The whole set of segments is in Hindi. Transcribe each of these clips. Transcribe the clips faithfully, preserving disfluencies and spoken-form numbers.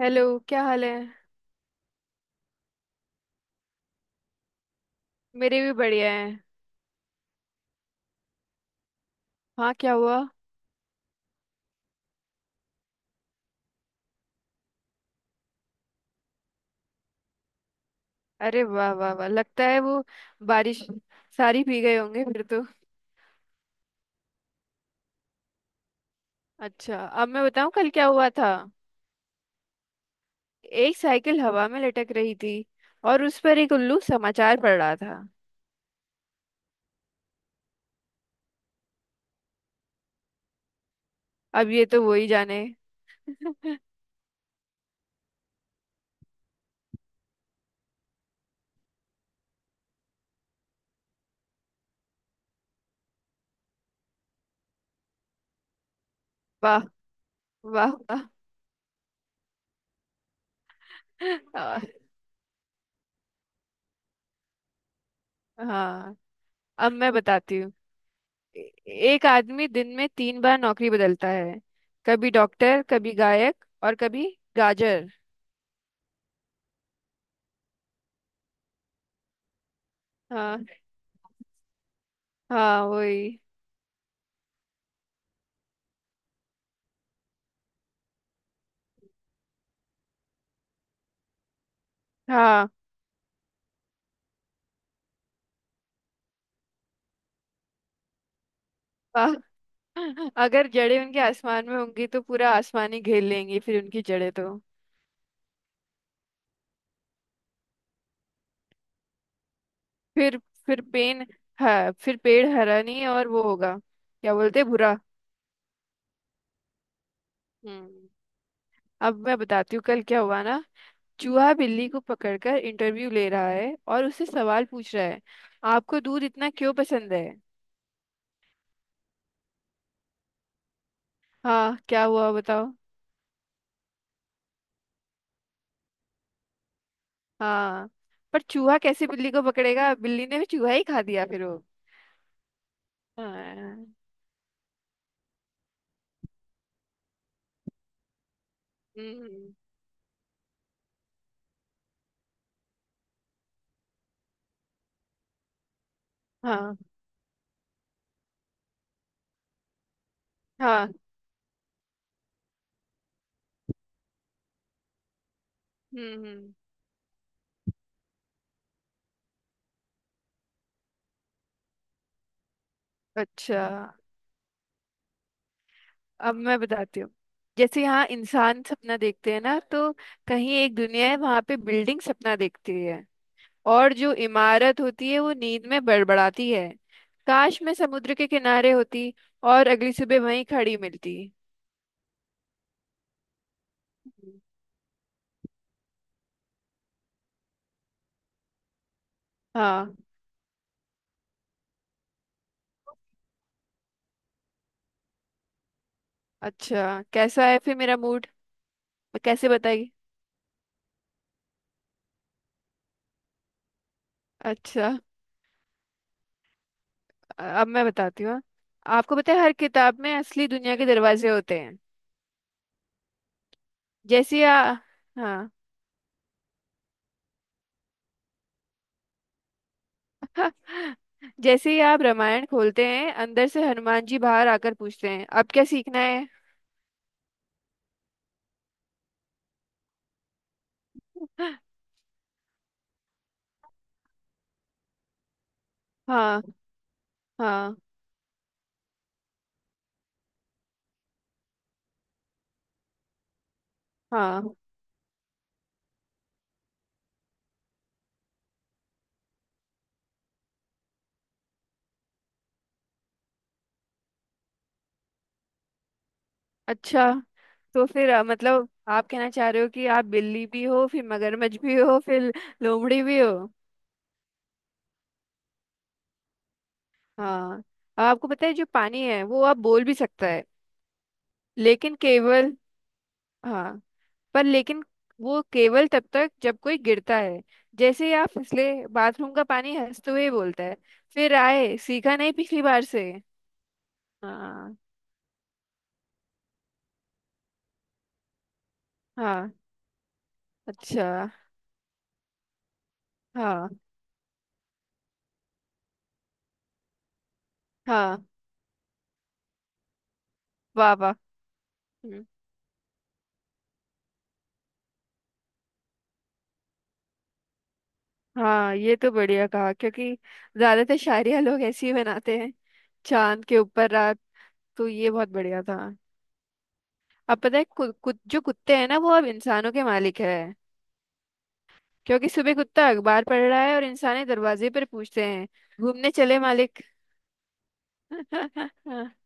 हेलो। क्या हाल है? मेरे भी बढ़िया है। हाँ, क्या हुआ? अरे वाह वाह वाह, लगता है वो बारिश सारी भीग गए होंगे फिर तो। अच्छा, अब मैं बताऊं कल क्या हुआ था। एक साइकिल हवा में लटक रही थी और उस पर एक उल्लू समाचार पढ़ रहा था। अब ये तो वही जाने। वाह वाह वाह। आ, हाँ। अब मैं बताती हूँ। ए- एक आदमी दिन में तीन बार नौकरी बदलता है। कभी डॉक्टर, कभी गायक और कभी गाजर। हाँ, हाँ वही। हाँ। आ, अगर जड़ें उनके आसमान में होंगी तो पूरा आसमान ही घेर लेंगी, फिर उनकी जड़ें तो। फिर फिर पेन। हाँ, फिर पेड़ हरा नहीं और वो होगा, क्या बोलते हैं, भूरा। हम्म। अब मैं बताती हूँ कल क्या हुआ ना। चूहा बिल्ली को पकड़कर इंटरव्यू ले रहा है और उससे सवाल पूछ रहा है। आपको दूध इतना क्यों पसंद है? हाँ, क्या हुआ? बताओ। हाँ। पर चूहा कैसे बिल्ली को पकड़ेगा, बिल्ली ने भी चूहा ही खा दिया फिर वो। हाँ। हम्म। हाँ, हाँ। हम्म, हम्म। अच्छा, अब मैं बताती हूँ। जैसे यहाँ इंसान सपना देखते हैं ना, तो कहीं एक दुनिया है वहां पे बिल्डिंग सपना देखती है। और जो इमारत होती है वो नींद में बड़बड़ाती है। काश मैं समुद्र के किनारे होती, और अगली सुबह वहीं खड़ी मिलती। हम्म। हाँ। अच्छा, कैसा है फिर मेरा मूड? कैसे बताइए? अच्छा। अब मैं बताती हूँ। आपको पता है हर किताब में असली दुनिया के दरवाजे होते हैं। जैसे आ, हाँ। जैसे ही आप रामायण खोलते हैं अंदर से हनुमान जी बाहर आकर पूछते हैं, अब क्या सीखना है? हाँ, हाँ, हाँ। अच्छा, तो फिर अ, मतलब आप कहना चाह रहे हो कि आप बिल्ली भी हो, फिर मगरमच्छ भी हो, फिर लोमड़ी भी हो। हाँ। आपको पता है जो पानी है वो आप बोल भी सकता है। लेकिन केवल। हाँ। पर लेकिन वो केवल तब तक जब कोई गिरता है। जैसे ही आप फिसले, बाथरूम का पानी हंसते हुए बोलता है, फिर आए? सीखा नहीं पिछली बार से? हाँ। हाँ। अच्छा। हाँ, हाँ। वाह, वाह। हम्म, हाँ, ये तो बढ़िया कहा क्योंकि ज्यादातर शायरिया लोग ऐसी ही बनाते हैं। चांद के ऊपर रात, तो ये बहुत बढ़िया था। अब पता है कु, कु, जो कुत्ते हैं ना वो अब इंसानों के मालिक है। क्योंकि सुबह कुत्ता अखबार पढ़ रहा है और इंसान दरवाजे पर पूछते हैं, घूमने चले मालिक?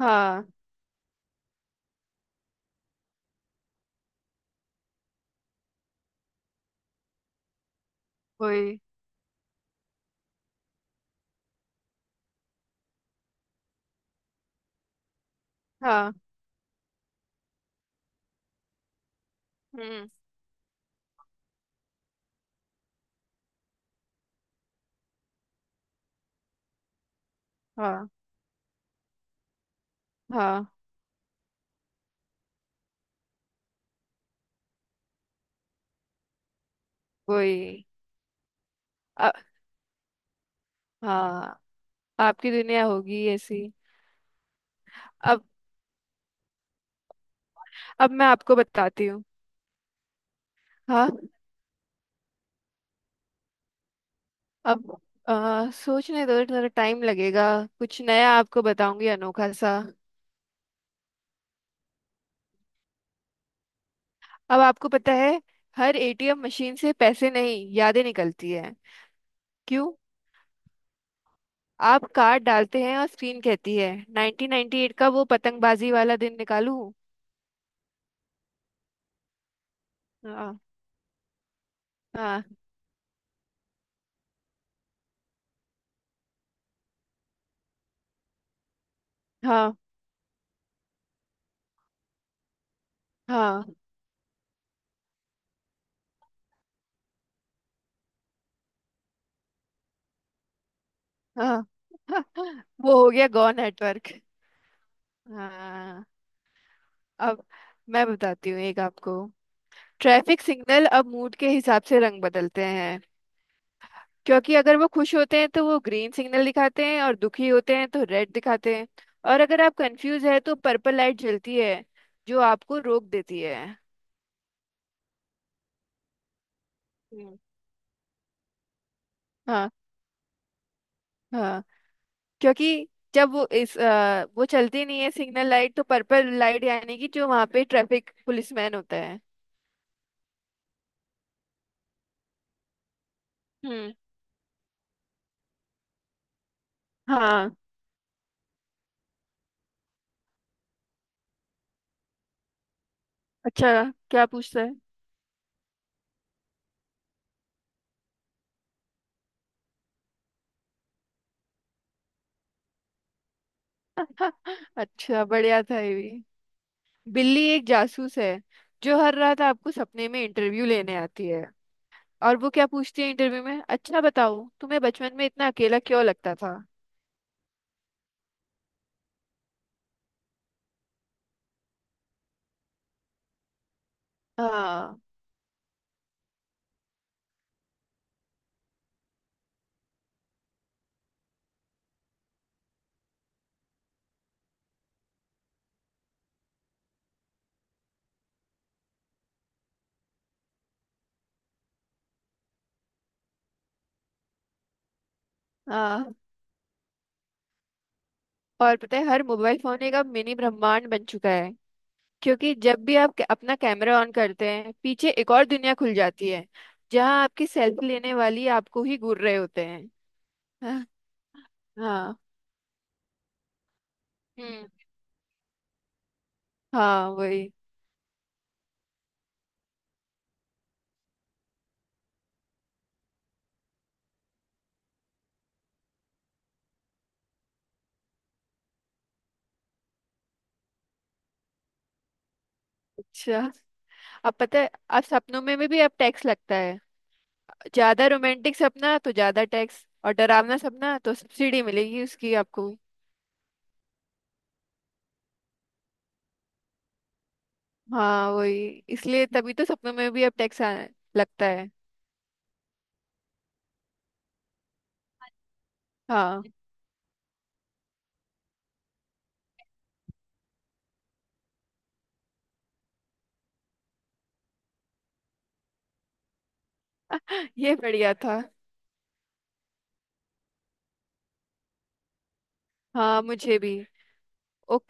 हाँ, वही। हाँ। हम्म। हाँ, हाँ वही। अ- हाँ। आपकी दुनिया होगी ऐसी। अब अब मैं आपको बताती हूँ। हाँ। अब आ, सोचने दो, थोड़ा टाइम लगेगा। कुछ नया आपको बताऊंगी, अनोखा सा। अब आपको पता है, हर एटीएम मशीन से पैसे नहीं यादें निकलती है। क्यों? आप कार्ड डालते हैं और स्क्रीन कहती है, नाइन्टीन नाइन्टी एट का वो पतंगबाजी वाला दिन निकालूं? हाँ, हाँ, हाँ, हाँ, हाँ। हाँ, वो हो गया गो नेटवर्क। हाँ। अब मैं बताती हूँ एक आपको। ट्रैफिक सिग्नल अब मूड के हिसाब से रंग बदलते हैं। क्योंकि अगर वो खुश होते हैं तो वो ग्रीन सिग्नल दिखाते हैं, और दुखी होते हैं तो रेड दिखाते हैं। और अगर आप कंफ्यूज है तो पर्पल लाइट जलती है, जो आपको रोक देती है। हम्म। हाँ, हाँ। क्योंकि जब वो इस अ, वो चलती नहीं है सिग्नल लाइट, तो पर्पल लाइट यानी कि जो वहाँ पे ट्रैफिक पुलिसमैन होता है। हम्म। हाँ। अच्छा, क्या पूछता है? अच्छा, बढ़िया था ये भी। बिल्ली एक जासूस है जो हर रात आपको सपने में इंटरव्यू लेने आती है। और वो क्या पूछती है इंटरव्यू में, अच्छा बताओ तुम्हें बचपन में इतना अकेला क्यों लगता था? हाँ, हाँ। और पता है हर मोबाइल फोन एक अब मिनी ब्रह्मांड बन चुका है। क्योंकि जब भी आप क- अपना कैमरा ऑन करते हैं पीछे एक और दुनिया खुल जाती है, जहाँ आपकी सेल्फी लेने वाली आपको ही घूर रहे होते हैं। हाँ। हाँ। हम्म। हाँ, वही। अच्छा। अब पता है अब सपनों में भी, भी अब टैक्स लगता है। ज्यादा रोमांटिक सपना तो ज्यादा टैक्स, और डरावना सपना तो सब्सिडी मिलेगी उसकी आपको। हाँ, वही। इसलिए तभी तो सपनों में भी अब टैक्स आने लगता है। हाँ। ये बढ़िया था। हाँ, मुझे भी।